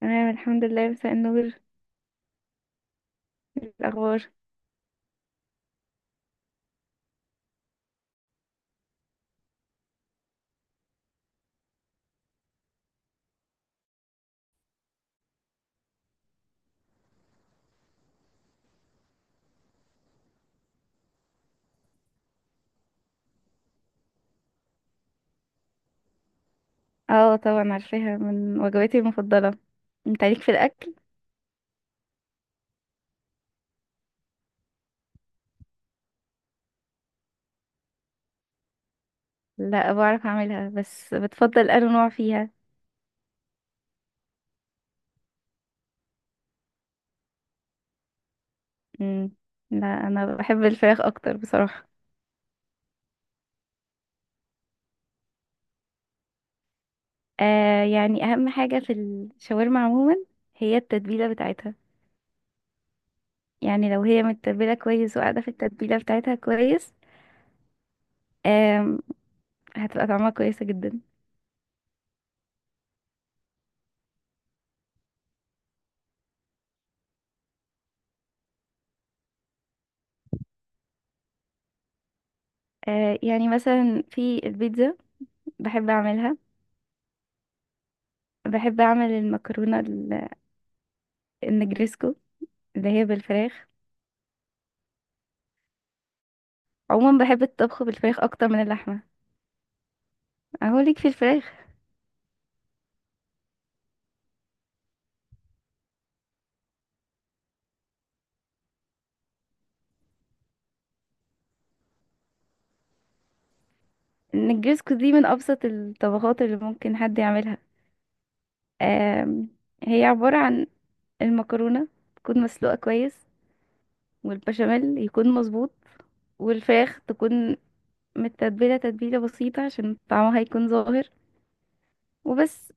تمام الحمد لله، مساء النور. إيه الأخبار؟ اه طبعا عارفاها، من وجباتي المفضلة. انت عليك في الأكل؟ لا بعرف أعملها بس بتفضل أنا نوع فيها. مم. لا أنا بحب الفراخ أكتر بصراحة. آه أهم حاجة في الشاورما عموما هي التتبيلة بتاعتها. يعني لو هي متبلة كويس وقاعدة في التتبيلة بتاعتها كويس، آم، هتبقى طعمها كويسة جدا. آه يعني مثلا في البيتزا بحب أعملها. بحب أعمل النجريسكو اللي هي بالفراخ. عموما بحب الطبخ بالفراخ اكتر من اللحمه. اهو ليك في الفراخ. النجرسكو دي من ابسط الطبخات اللي ممكن حد يعملها. آم، هي عباره عن المكرونه تكون مسلوقه كويس، والبشاميل يكون مظبوط، والفراخ تكون متتبله تتبيله بسيطه عشان طعمها يكون ظاهر. وبس،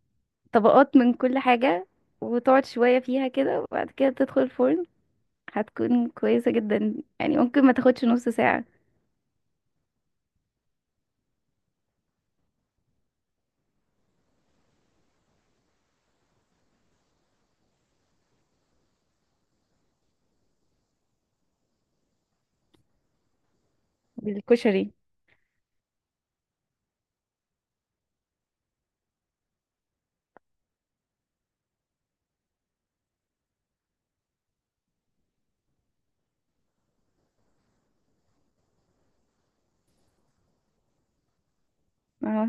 طبقات من كل حاجه، وتقعد شويه فيها كده وبعد كده تدخل الفرن. هتكون كويسه جدا، يعني ممكن ما تاخدش نص ساعه. بالكشري. اه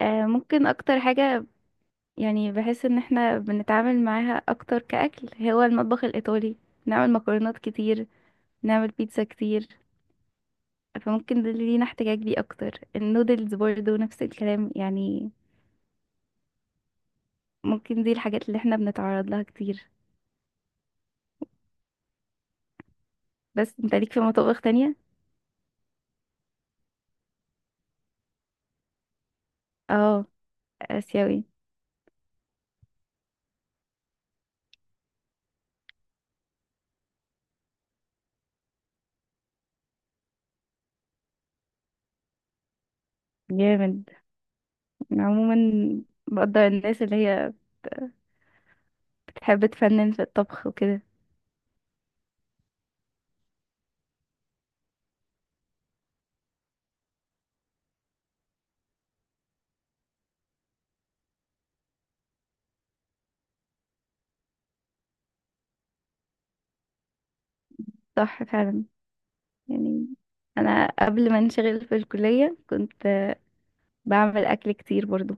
ممكن اكتر حاجة، يعني بحس ان احنا بنتعامل معاها اكتر كأكل هو المطبخ الايطالي. نعمل مكرونات كتير، نعمل بيتزا كتير، فممكن ده اللي لينا احتكاك بيه اكتر. النودلز برضه نفس الكلام يعني، ممكن دي الحاجات اللي احنا بنتعرض لها كتير. بس انت ليك في مطابخ تانية. اه، اسيوي. جامد. عموما بقدر الناس اللي هي بتحب تفنن في الطبخ وكده. صح فعلا، يعني انا قبل ما انشغل في الكلية كنت بعمل اكل كتير برضو.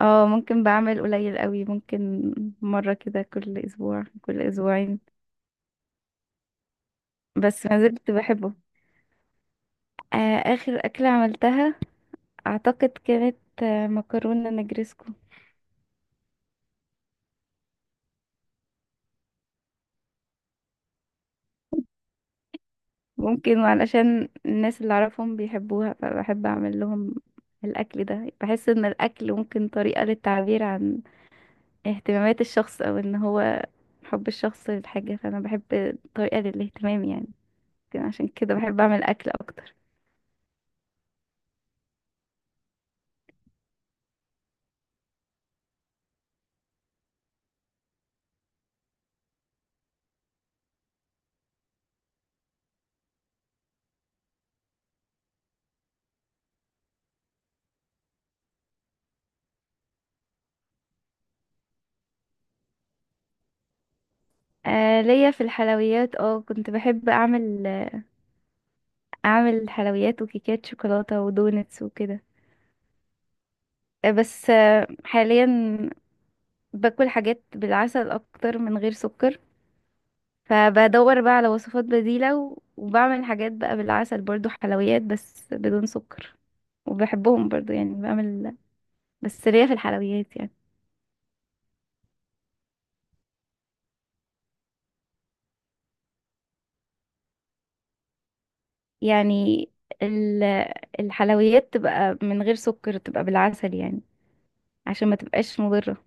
اه ممكن بعمل قليل قوي، ممكن مرة كده كل اسبوع كل اسبوعين، بس ما زلت بحبه. آه، اخر اكلة عملتها اعتقد كانت آه مكرونة نجرسكو. ممكن علشان الناس اللي اعرفهم بيحبوها فبحب اعمل لهم الاكل ده. بحس ان الاكل ممكن طريقة للتعبير عن اهتمامات الشخص او ان هو حب الشخص للحاجة، فانا بحب طريقة للاهتمام يعني. يمكن عشان كده بحب اعمل اكل اكتر. آه ليا في الحلويات، اه كنت بحب اعمل حلويات وكيكات شوكولاتة ودونتس وكده. بس حاليا باكل حاجات بالعسل اكتر من غير سكر. فبدور بقى على وصفات بديلة وبعمل حاجات بقى بالعسل برضو، حلويات بس بدون سكر. وبحبهم برضو يعني بعمل، بس ليا في الحلويات يعني ال- الحلويات تبقى من غير سكر، تبقى بالعسل يعني، عشان ما تبقاش مضرة.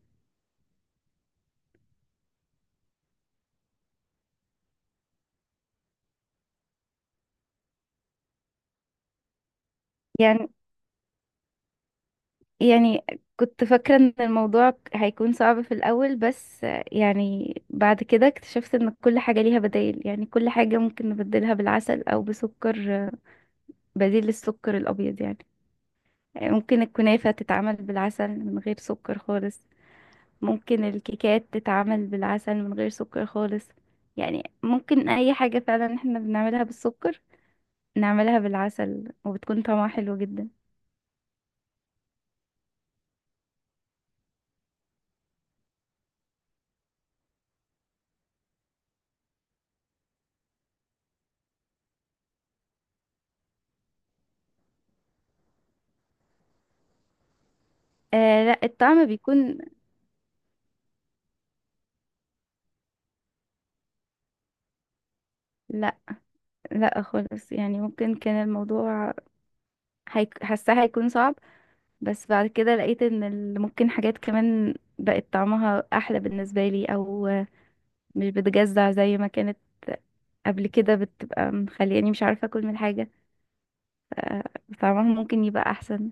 يعني يعني كنت فاكرة ان الموضوع هيكون صعب في الاول، بس يعني بعد كده اكتشفت ان كل حاجة ليها بدائل. يعني كل حاجة ممكن نبدلها بالعسل او بسكر بديل للسكر الابيض يعني. يعني ممكن الكنافة تتعمل بالعسل من غير سكر خالص، ممكن الكيكات تتعمل بالعسل من غير سكر خالص. يعني ممكن اي حاجة فعلا احنا بنعملها بالسكر نعملها بالعسل وبتكون طعمها حلو جدا. آه لا، الطعم بيكون، لا لا خالص. يعني ممكن كان الموضوع حاساه هيكون صعب، بس بعد كده لقيت ان ممكن حاجات كمان بقت طعمها احلى بالنسبه لي، او مش بتجزع زي ما كانت قبل كده بتبقى مخلياني مش عارفه اكل من حاجه. طعمها ممكن يبقى احسن.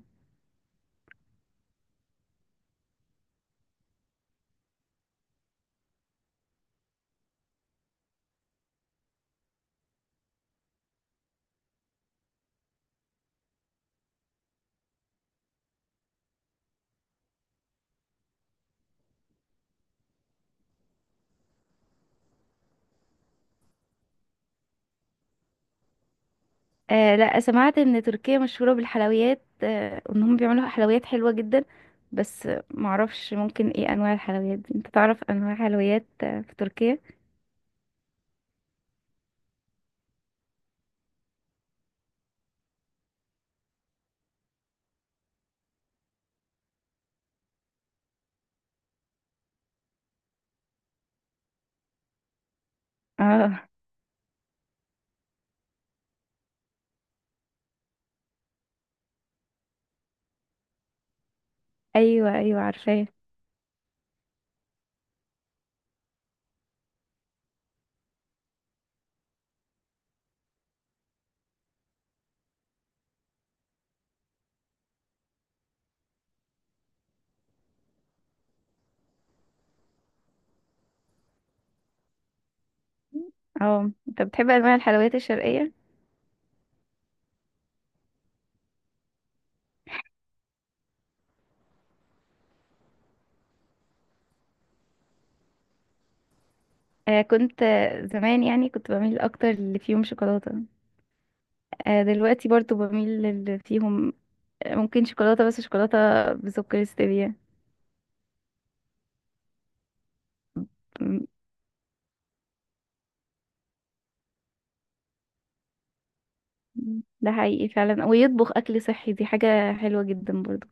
آه لا، سمعت ان تركيا مشهوره بالحلويات، آه وانهم بيعملوا حلويات حلوه جدا. بس معرفش ممكن ايه انواع الحلويات دي. انت تعرف انواع حلويات في تركيا؟ اه، ايوه ايوه عارفاه. اه انت بتحب انواع الحلويات الشرقيه. آه كنت زمان يعني كنت بميل اكتر اللي فيهم شوكولاته. آه دلوقتي برضو بميل للي فيهم ممكن شوكولاته، بس شوكولاته بسكر ستevia. م- ده حقيقي فعلا، ويطبخ اكل صحي دي حاجه حلوه جدا برضو.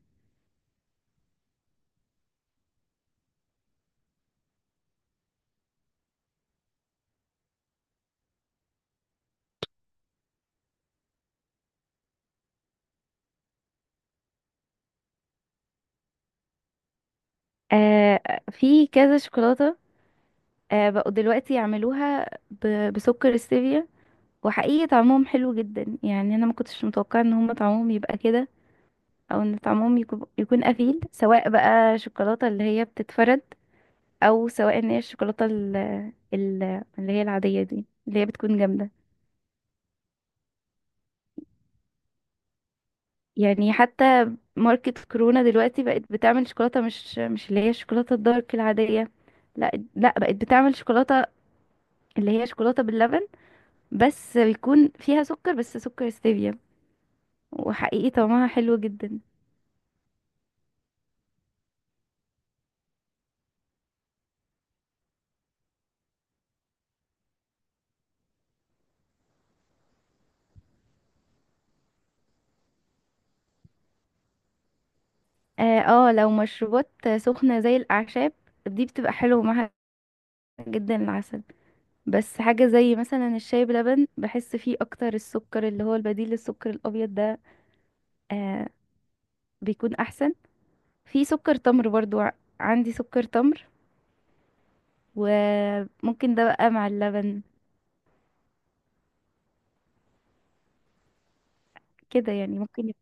آه في كذا شوكولاته آه بقوا دلوقتي يعملوها بسكر ستevia. وحقيقي طعمهم حلو جدا، يعني انا ما كنتش متوقعه ان هم طعمهم يبقى كده، او ان طعمهم يكون قفيل، سواء بقى شوكولاته اللي هي بتتفرد، او سواء ان هي الشوكولاته ال- اللي هي العاديه دي اللي هي بتكون جامده. يعني حتى ماركة كورونا دلوقتي بقت بتعمل شوكولاته، مش اللي هي الشوكولاته الدارك العاديه، لا لا، بقت بتعمل شوكولاته اللي هي شوكولاته باللبن، بس بيكون فيها سكر، بس سكر ستيفيا. وحقيقي طعمها حلو جدا. اه لو مشروبات سخنه زي الاعشاب دي بتبقى حلوه معاها جدا العسل. بس حاجة زي مثلا الشاي بلبن، بحس فيه اكتر السكر اللي هو البديل للسكر الابيض ده آه بيكون احسن. في سكر تمر برضو، عندي سكر تمر وممكن ده بقى مع اللبن. كده يعني ممكن يب-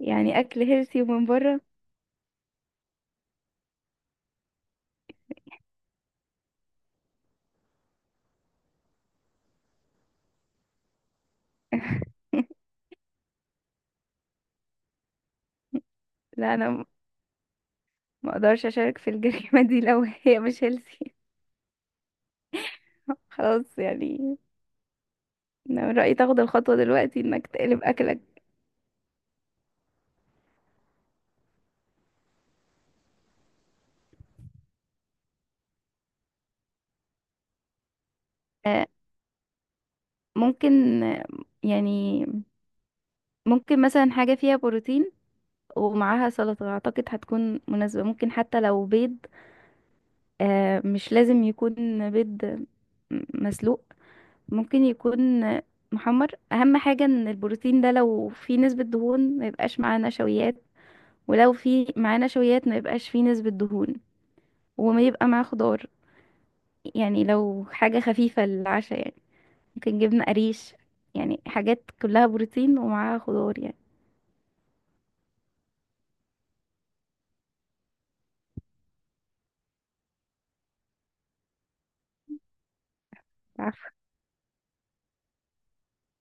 يعني اكل هيلثي ومن بره؟ لا ما اقدرش اشارك في الجريمة دي لو هي مش هيلثي. خلاص يعني. انا من رأيي تاخد الخطوة دلوقتي انك تقلب اكلك. آه ممكن، يعني ممكن مثلا حاجة فيها بروتين ومعاها سلطة، أعتقد هتكون مناسبة. ممكن حتى لو بيض، مش لازم يكون بيض مسلوق، ممكن يكون محمر. أهم حاجة إن البروتين ده لو فيه نسبة دهون ما يبقاش معاه نشويات، ولو فيه معاه نشويات ما يبقاش فيه نسبة دهون، وما يبقى معاه خضار. يعني لو حاجة خفيفة للعشاء يعني، ممكن جبنة قريش، يعني حاجات كلها بروتين ومعاها خضار يعني